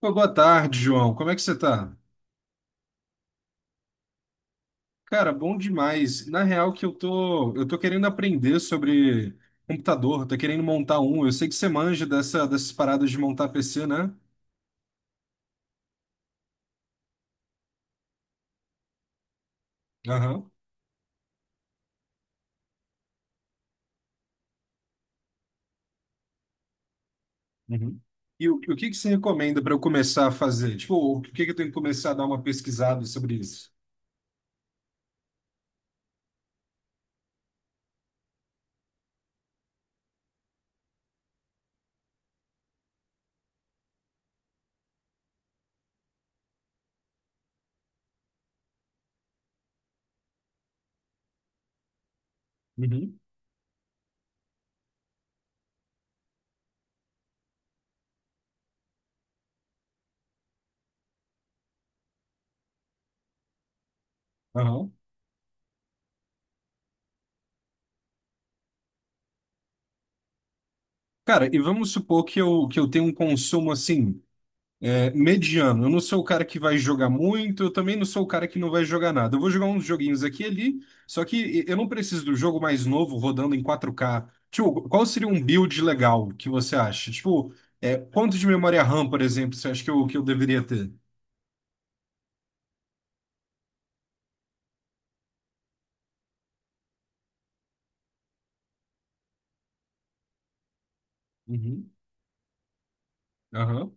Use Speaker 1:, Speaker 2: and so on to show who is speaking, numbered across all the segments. Speaker 1: Pô, boa tarde, João. Como é que você tá? Cara, bom demais. Na real que eu tô querendo aprender sobre computador, tô querendo montar um. Eu sei que você manja dessas paradas de montar PC, né? Aham. Uhum. E o que que você recomenda para eu começar a fazer? Tipo, o que que eu tenho que começar a dar uma pesquisada sobre isso? Uhum. Aham. Cara, e vamos supor que eu tenho um consumo assim. É, mediano. Eu não sou o cara que vai jogar muito, eu também não sou o cara que não vai jogar nada. Eu vou jogar uns joguinhos aqui e ali, só que eu não preciso do jogo mais novo rodando em 4K. Tipo, qual seria um build legal que você acha? Tipo, é, quanto de memória RAM, por exemplo, você acha que eu deveria ter? Uhum. Aham,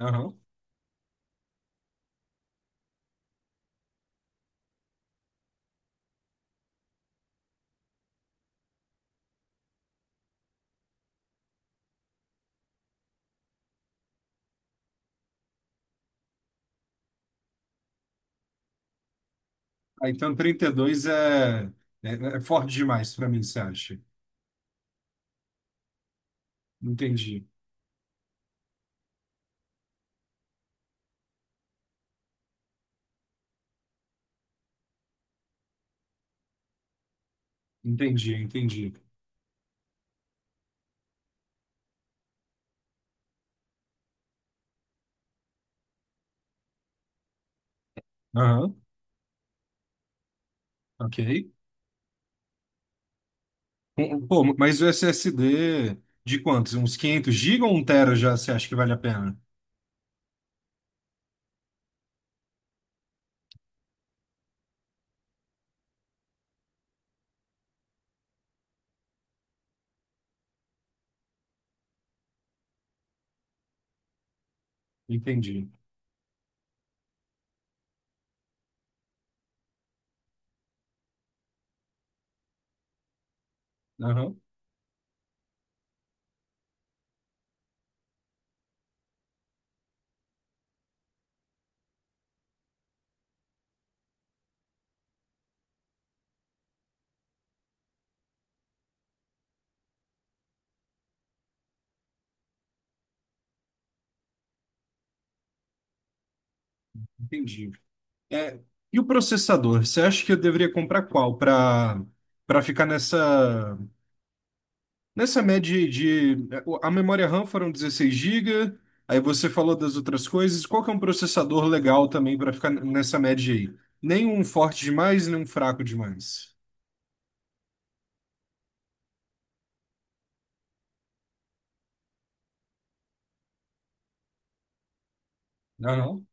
Speaker 1: aham. Ah, então 32 é, é forte demais pra mim, você acha? Entendi, entendi, entendi. Aham, ok. Pô, mas o SSD de quantos? Uns 500 gigas, ou 1 TB já você acha que vale a pena? Entendi. Aham, entendi. É, e o processador? Você acha que eu deveria comprar qual para ficar nessa média de a memória RAM foram 16 GB, aí você falou das outras coisas. Qual que é um processador legal também para ficar nessa média aí? Nem um forte demais, nem um fraco demais. Aham.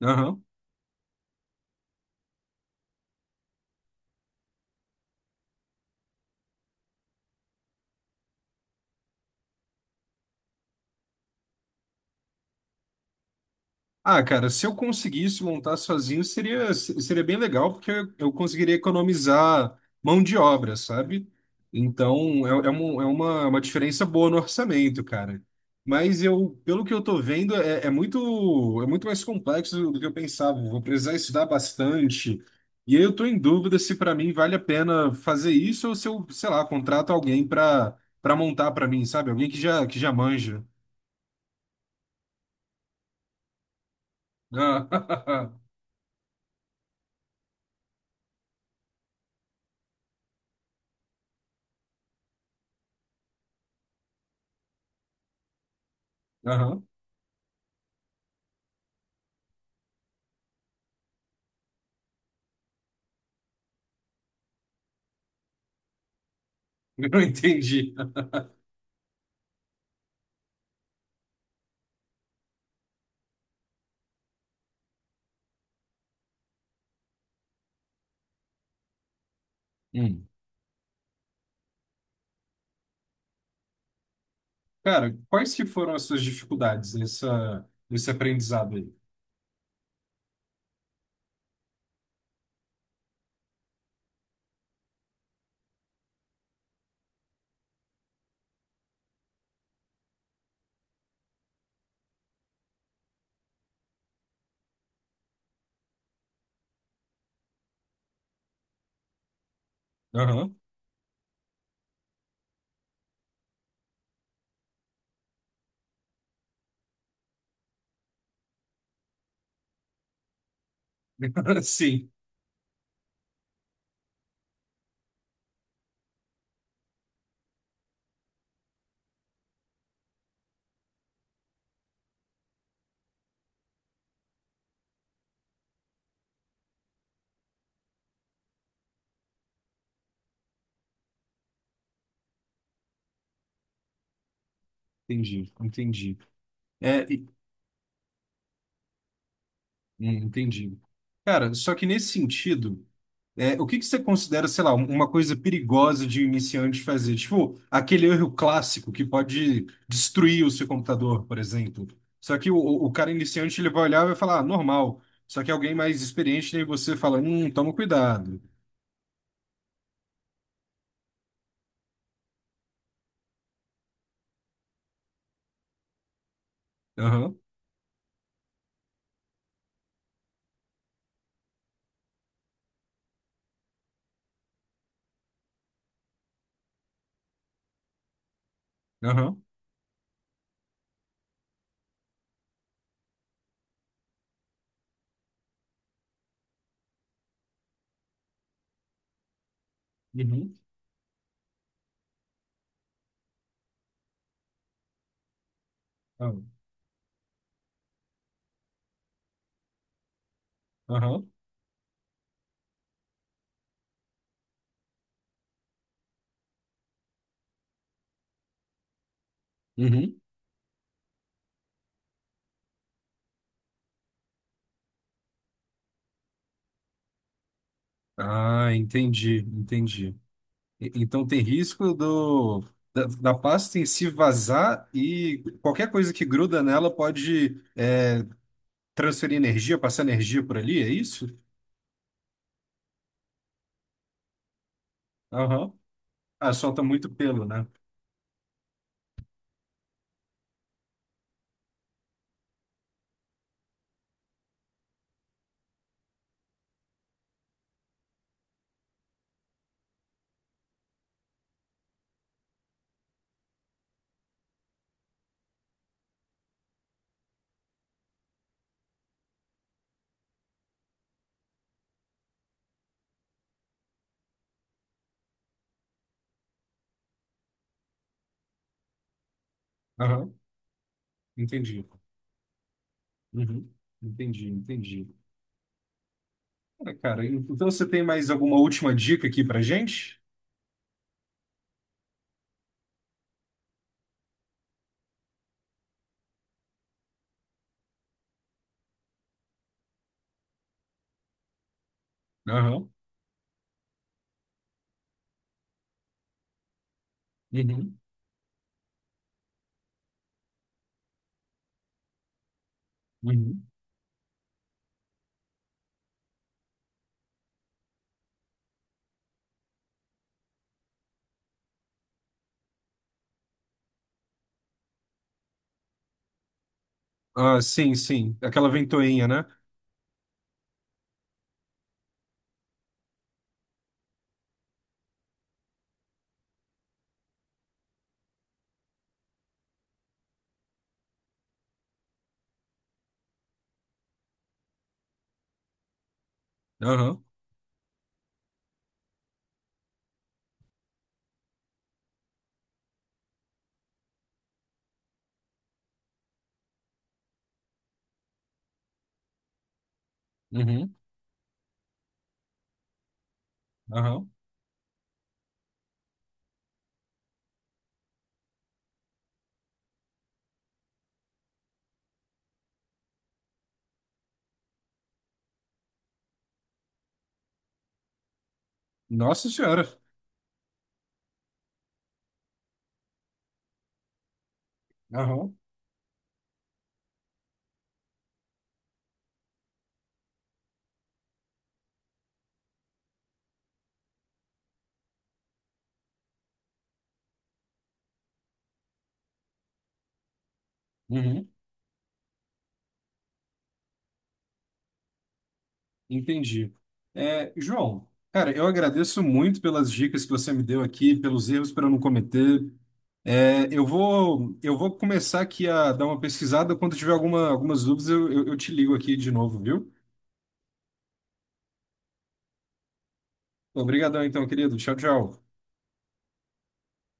Speaker 1: Aham. Ah, cara, se eu conseguisse montar sozinho, seria, se- seria bem legal, porque eu conseguiria economizar mão de obra, sabe? Então, é uma diferença boa no orçamento, cara. Mas eu, pelo que eu tô vendo, é muito mais complexo do que eu pensava. Vou precisar estudar bastante. E aí eu tô em dúvida se para mim vale a pena fazer isso ou se eu, sei lá, contrato alguém para montar para mim, sabe? Alguém que já manja. Ah, aham. Eu entendi. Hum. Cara, quais que foram as suas dificuldades nesse aprendizado aí? Aham. Sim, entendi, entendi. É. Entendi. Cara, só que nesse sentido, o que que você considera, sei lá, uma coisa perigosa de um iniciante fazer? Tipo, aquele erro clássico que pode destruir o seu computador, por exemplo. Só que o cara iniciante, ele vai olhar e vai falar, ah, normal. Só que alguém mais experiente, aí você fala, toma cuidado. Aham, aham, uhum, aham. Aham. Uhum. Ah, entendi, entendi. Então tem risco da pasta em se vazar e qualquer coisa que gruda nela pode transferir energia, passar energia por ali, é isso? Aham. Ah, solta muito pelo, né? Aham. Entendi. Uhum. Entendi, entendi. Ah, cara, então você tem mais alguma última dica aqui pra gente? Aham. Uhum. Uhum. Ah, sim, sim. Aquela ventoinha, né? Aham. Uhum. Aham. Nossa Senhora. Aham, uhum, entendi. É, João, cara, eu agradeço muito pelas dicas que você me deu aqui, pelos erros para eu não cometer. É, eu vou começar aqui a dar uma pesquisada. Quando tiver algumas dúvidas, eu te ligo aqui de novo, viu? Obrigadão, então, querido. Tchau, tchau.